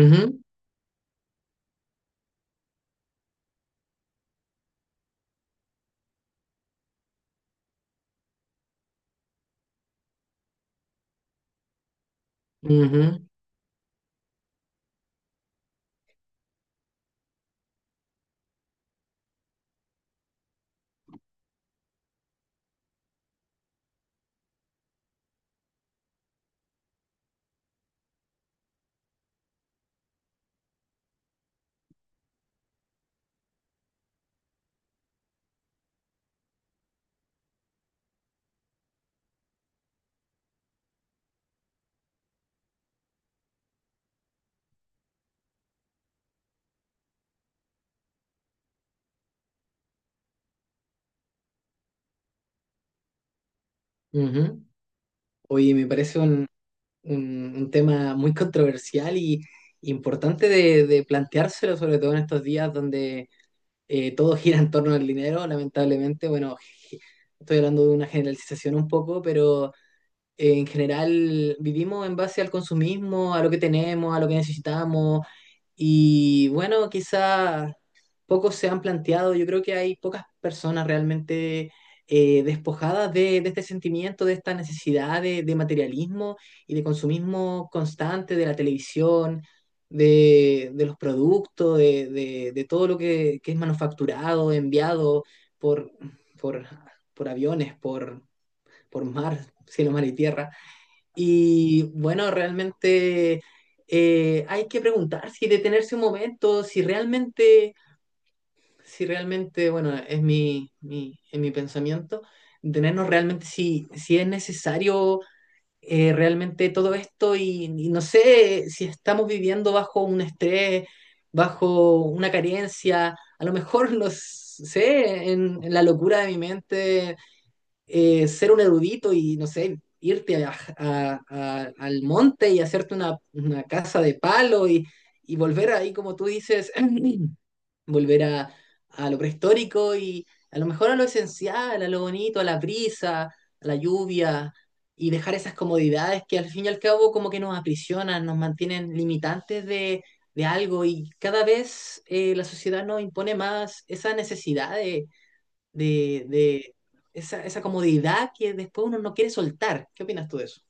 Ujú, ujú, ujú. Oye, me parece un tema muy controversial y importante de planteárselo, sobre todo en estos días donde todo gira en torno al dinero, lamentablemente. Bueno, estoy hablando de una generalización un poco, pero en general vivimos en base al consumismo, a lo que tenemos, a lo que necesitamos. Y bueno, quizá pocos se han planteado, yo creo que hay pocas personas realmente despojadas de este sentimiento, de esta necesidad de materialismo y de consumismo constante de la televisión, de los productos, de todo lo que es manufacturado, enviado por, por, por aviones, por mar, cielo, mar y tierra. Y bueno, realmente hay que preguntar si detenerse un momento, si realmente, si realmente, bueno, es es mi pensamiento, detenernos realmente si es necesario realmente todo esto y no sé si estamos viviendo bajo un estrés, bajo una carencia, a lo mejor, no sé, en la locura de mi mente ser un erudito y, no sé, irte al monte y hacerte una casa de palo y volver ahí, como tú dices, volver a lo prehistórico y a lo mejor a lo esencial, a lo bonito, a la brisa, a la lluvia y dejar esas comodidades que al fin y al cabo como que nos aprisionan, nos mantienen limitantes de algo y cada vez la sociedad nos impone más esa necesidad de esa, esa comodidad que después uno no quiere soltar. ¿Qué opinas tú de eso?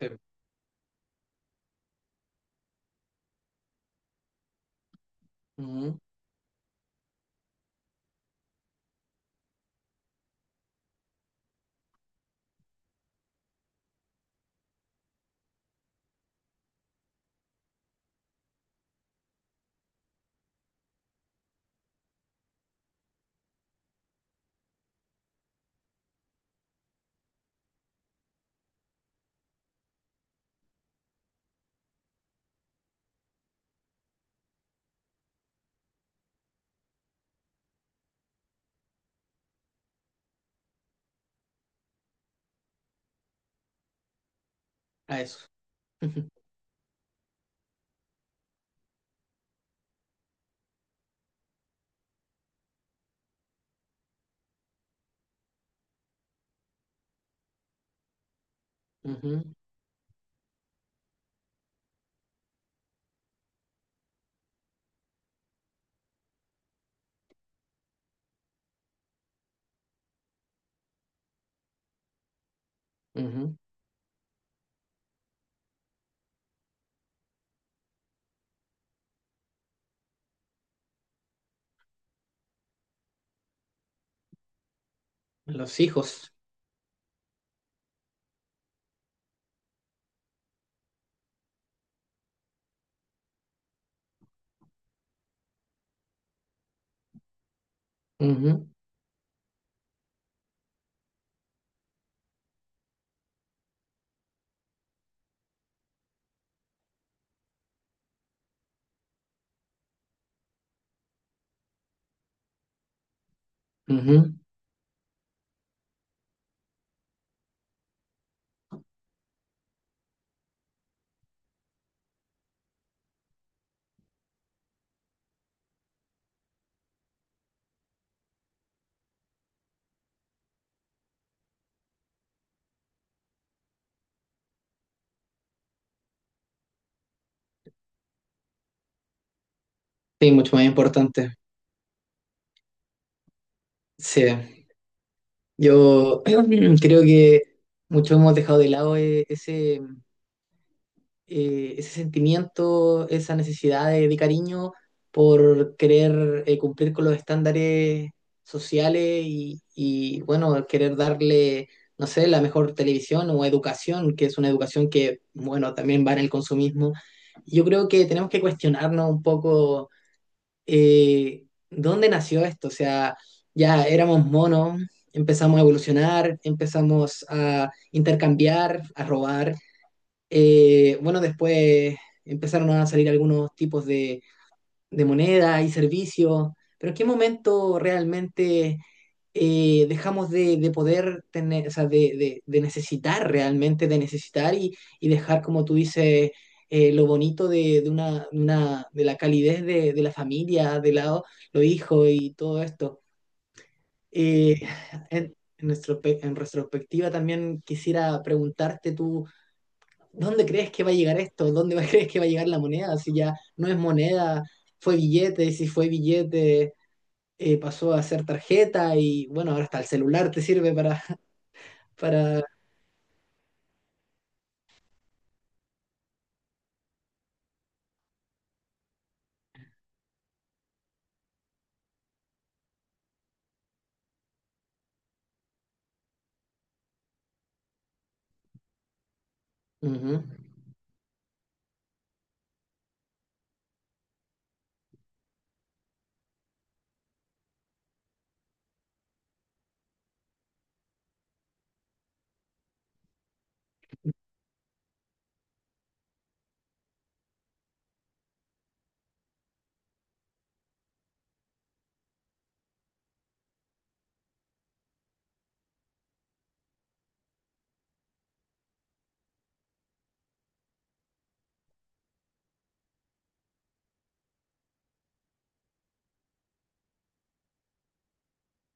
Sí. Ujú. A eso. Ujú, ujú. Los hijos. Ujú, ujú. Sí, mucho más importante. Sí, yo creo que mucho hemos dejado de lado ese... ese sentimiento, esa necesidad de cariño por querer cumplir con los estándares sociales y, bueno, querer darle, no sé, la mejor televisión o educación, que es una educación que, bueno, también va en el consumismo. Yo creo que tenemos que cuestionarnos un poco dónde nació esto, o sea, ya éramos monos. Empezamos a evolucionar, empezamos a intercambiar, a robar, bueno, después empezaron a salir algunos tipos de moneda y servicios, pero ¿en qué momento realmente dejamos de poder tener, o sea, de necesitar realmente, de necesitar y dejar, como tú dices, lo bonito de una de la calidez de la familia, de lado, los hijos y todo esto? Eh, en nuestro, en retrospectiva también quisiera preguntarte tú. ¿Dónde crees que va a llegar esto? ¿Dónde va- crees que va a llegar la moneda? Si ya no es moneda, fue billete, si fue billete, pasó a ser tarjeta y bueno, ahora hasta el celular te sirve para, para... Ujú,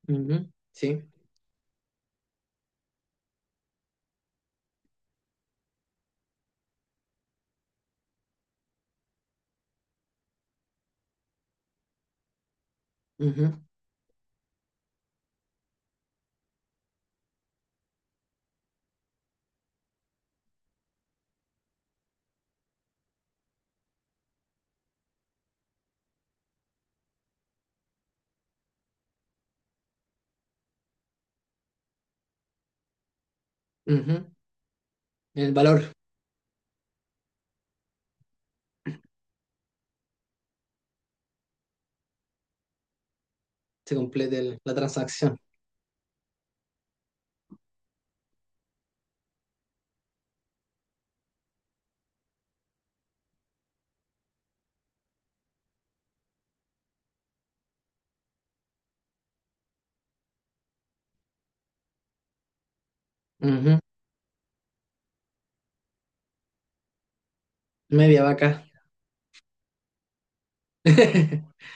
ujú, sí, ujú, ujú. El valor, se completa el- la transacción. Ujú. Media vaca.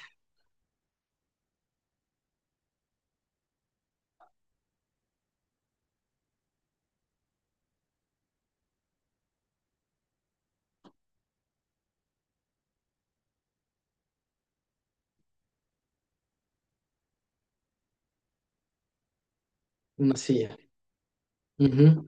Una silla. Ujú.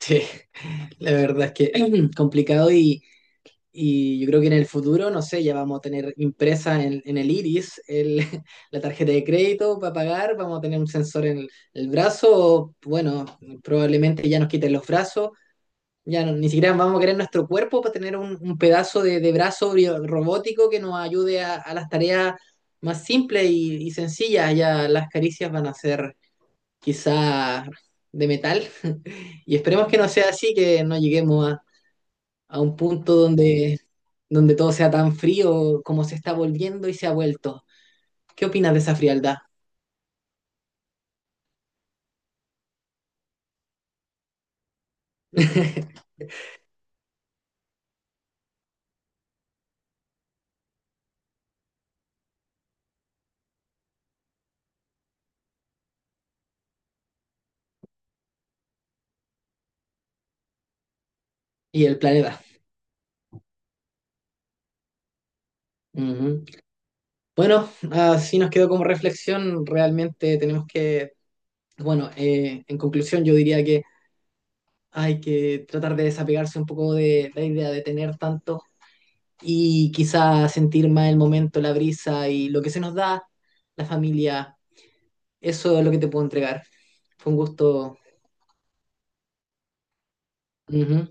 Sí, la verdad es que complicado y yo creo que en el futuro, no sé, ya vamos a tener impresa en el iris el- la tarjeta de crédito para pagar, vamos a tener un sensor en el brazo, o, bueno, probablemente ya nos quiten los brazos, ya no- ni siquiera vamos a querer nuestro cuerpo para tener un pedazo de brazo bio- robótico que nos ayude a las tareas más simples y sencillas, ya las caricias van a ser quizá de metal, y esperemos que no sea así, que no lleguemos a un punto donde, donde todo sea tan frío como se está volviendo y se ha vuelto. ¿Qué opinas de esa frialdad y el planeta? Ujú. Bueno, así nos quedó como reflexión. Realmente tenemos que, bueno, en conclusión yo diría que hay que tratar de desapegarse un poco de la idea de tener tanto y quizá sentir más el momento, la brisa y lo que se nos da, la familia. Eso es lo que te puedo entregar. Fue un gusto. Ujú.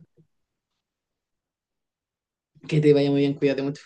Que te vaya muy bien, cuídate mucho.